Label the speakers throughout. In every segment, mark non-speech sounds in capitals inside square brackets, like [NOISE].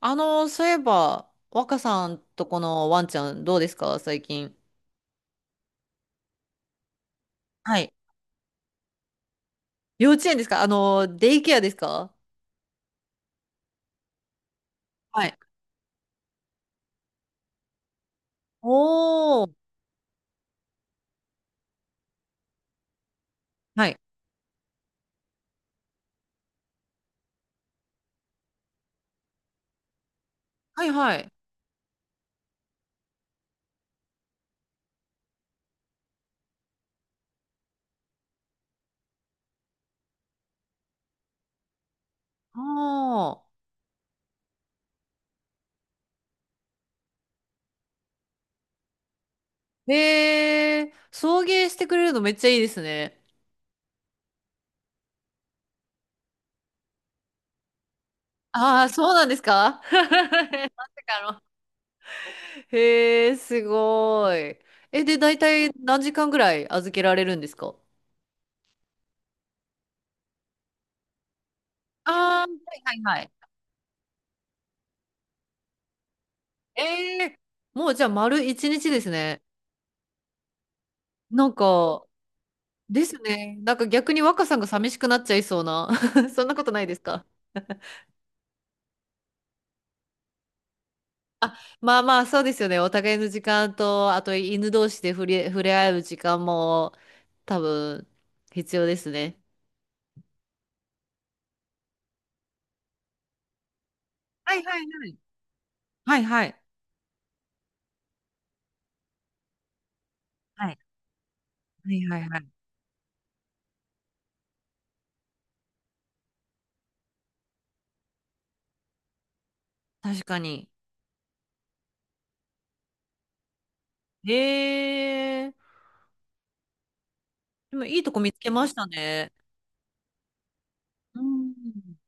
Speaker 1: そういえば、若さんとこのワンちゃんどうですか最近？はい。幼稚園ですかデイケアですか？はい。おー。はい。はいはい。あー。へえ、送迎してくれるのめっちゃいいですね。ああ、そうなんですか？ [LAUGHS] まさかの。へえ、すごい。え、で、大体何時間ぐらい預けられるんですか？ああー、はいはいはい。ええ、もうじゃあ丸一日ですね。なんか、ですね。なんか逆に若さんが寂しくなっちゃいそうな。[LAUGHS] そんなことないですか？あ、まあまあ、そうですよね。お互いの時間と、あと犬同士で触れ合う時間も多分必要ですね。はいはいはい。はいはい。はいはいはいはい。確かに。へえ。でもいいとこ見つけましたね。うん。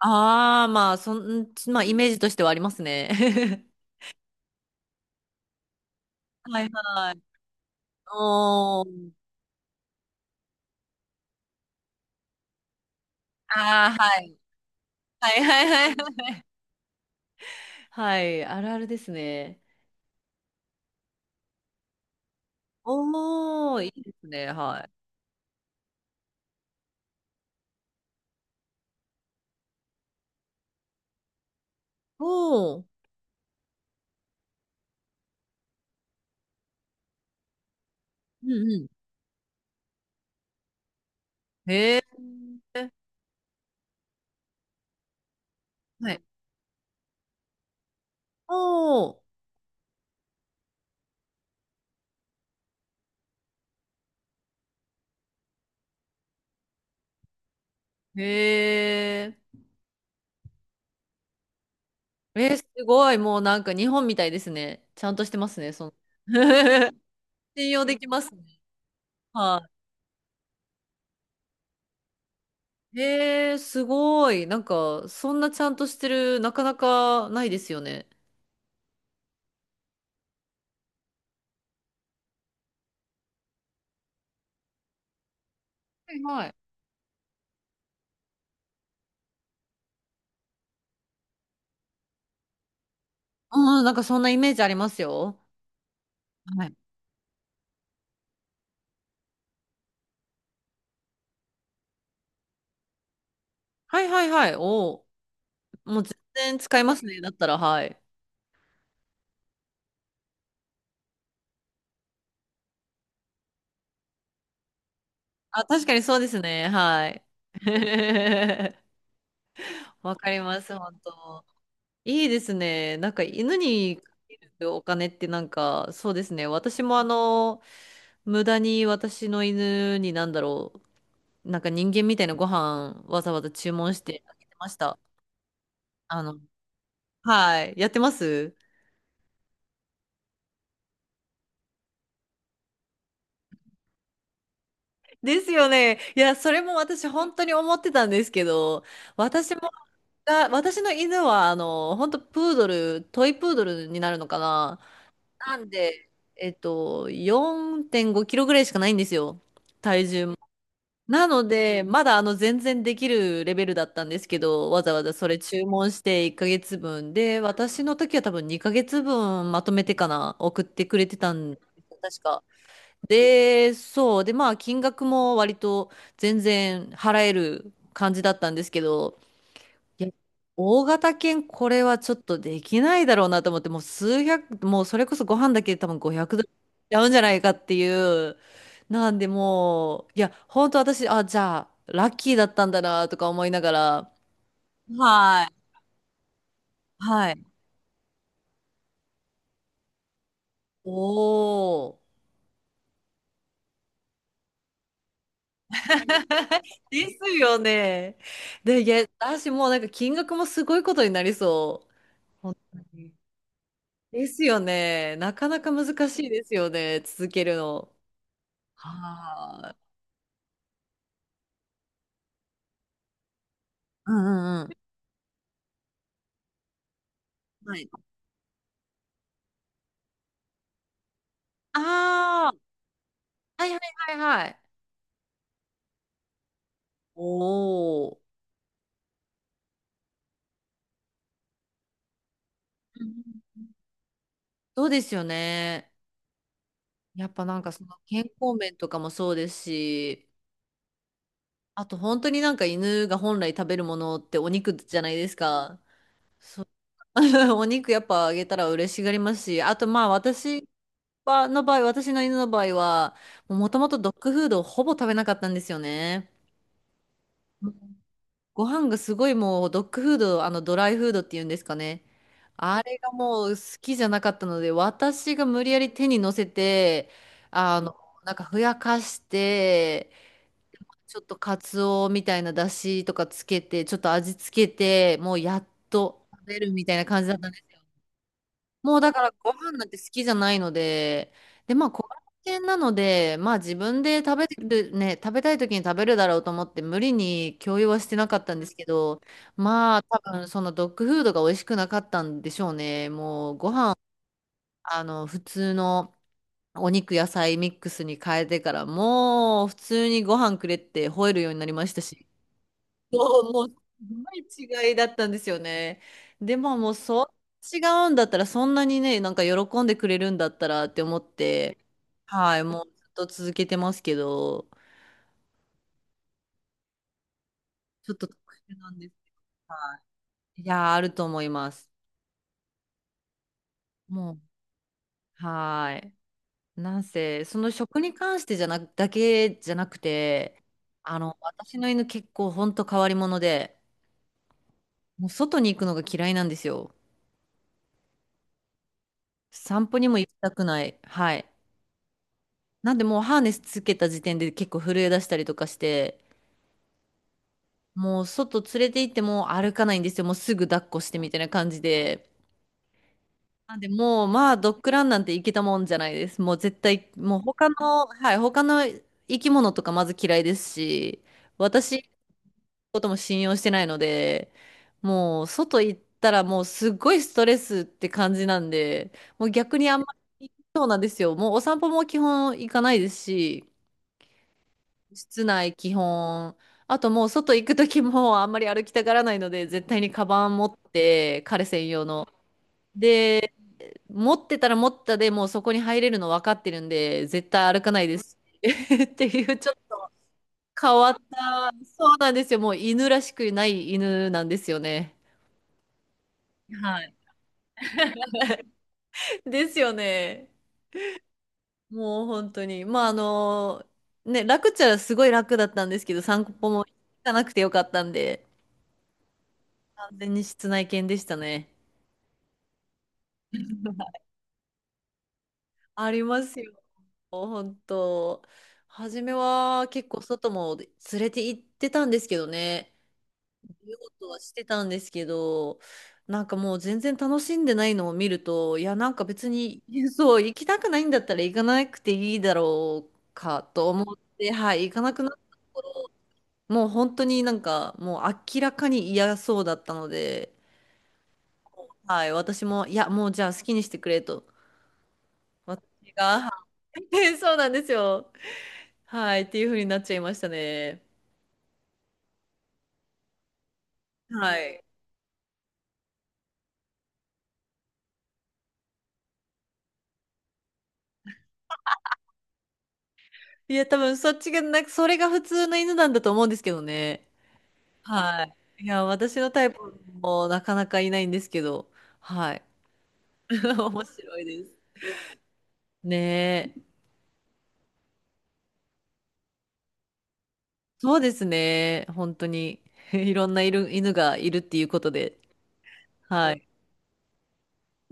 Speaker 1: ああ、まあ、まあ、イメージとしてはありますね。[LAUGHS] はいはい。おー。ああ、はい。はいはいはいはい、あるあるですね。おー、いいですね。はい。おー、うんうん。へえ。はい。おー、へえ。えー、すごい。もうなんか日本みたいですね。ちゃんとしてますね。その [LAUGHS] 信用できますね。はい。へえ、すごい。なんか、そんなちゃんとしてる、なかなかないですよね。はいはい。うん、なんかそんなイメージありますよ。はい。はいはいはい。おー、もう全然使いますね。だったら、はい。あ、確かにそうですね。はい。[LAUGHS] わかります、本当。いいですね。なんか犬にかけるお金ってなんか、そうですね。私も無駄に私の犬になんだろう、なんか人間みたいなご飯わざわざ注文してあげてました。あの、はい。やってます [LAUGHS] ですよね。いや、それも私本当に思ってたんですけど、私もが、私の犬は本当プードル、トイプードルになるのかな、なんで、4.5キロぐらいしかないんですよ。体重も。なので、まだ全然できるレベルだったんですけど、わざわざそれ注文して1ヶ月分で、私の時は多分2ヶ月分まとめてかな、送ってくれてたん確か。で、そう。で、まあ金額も割と全然払える感じだったんですけど、いや、大型犬、これはちょっとできないだろうなと思って、もう数百、もうそれこそご飯だけで多分500ドルいっちゃうんじゃないかっていう。なんでもう、いや、本当私、あ、じゃあ、ラッキーだったんだなとか思いながら、はい。はい。おー。[LAUGHS] ですよね。で、いや、私もうなんか金額もすごいことになりそう。本当に。ですよね。なかなか難しいですよね。続けるの。はうんうんうん。はい。ああ、はいはいはいはい。おお。うん、そうですよね。やっぱなんかその健康面とかもそうですし、あと本当になんか犬が本来食べるものってお肉じゃないですか。そう [LAUGHS] お肉やっぱあげたら嬉しがりますし、あとまあ私はの場合、私の犬の場合は、もともとドッグフードをほぼ食べなかったんですよね。ご飯がすごい、もうドッグフード、あのドライフードっていうんですかね。あれがもう好きじゃなかったので、私が無理やり手に乗せて、あの、なんかふやかして、ちょっとカツオみたいな出汁とかつけて、ちょっと味つけて、もうやっと食べるみたいな感じだったんです。もうだからご飯なんて好きじゃないので、で、まあ小型犬なので、まあ自分で食べる、ね、食べたい時に食べるだろうと思って無理に共有はしてなかったんですけど、まあ多分そのドッグフードが美味しくなかったんでしょうね。もうご飯、普通のお肉野菜ミックスに変えてからもう普通にご飯くれって吠えるようになりましたし。そう、もう、すごい違いだったんですよね。でももう、そう、違うんだったら、そんなにね、なんか喜んでくれるんだったらって思って、はい、もうずっと続けてますけど、ちょっと特殊なんですけど、はい。いやー、あると思います。もう、はい。なんせ、その食に関してじゃなく、だけじゃなくて、私の犬結構ほんと変わり者で、もう外に行くのが嫌いなんですよ。散歩にも行きたくない。はい。なんでもうハーネスつけた時点で結構震え出したりとかして、もう外連れて行っても歩かないんですよ。もうすぐ抱っこしてみたいな感じで。なんでもうまあドッグランなんて行けたもんじゃないです。もう絶対、もう他の、はい、他の生き物とかまず嫌いですし、私のことも信用してないので、もう外行ったらもうすっごいストレスって感じなんで、もう逆にあんまり、そうなんですよ。もうお散歩も基本行かないですし、室内基本。あともう外行く時もあんまり歩きたがらないので、絶対にカバン持って、彼専用の。で、持ってたら持ったでもうそこに入れるの分かってるんで、絶対歩かないです。[LAUGHS] っていう、ちょっと変わった、そうなんですよ。もう犬らしくない犬なんですよね。はい。ですよね。もう本当に。まあね、楽っちゃすごい楽だったんですけど、散歩も行かなくてよかったんで、完全に室内犬でしたね。ありますよ、本当。初めは結構外も連れて行ってたんですけどね。見ようとはしてたんですけど、なんかもう全然楽しんでないのを見ると、いや、なんか別に、そう、行きたくないんだったら行かなくていいだろうかと思って、はい、行かなくな、もう本当になんかもう明らかに嫌そうだったので、はい、私も、いや、もうじゃあ好きにしてくれと。私が、はい [LAUGHS] そうなんですよ。はい、っていう風になっちゃいましたね。はい。いや、多分そっちが、なんか、それが普通の犬なんだと思うんですけどね。はい。いや、私のタイプもなかなかいないんですけど、はい。[LAUGHS] 面白いです。ねえ。そうですね。本当に。[LAUGHS] いろんないる犬がいるっていうことで。はい。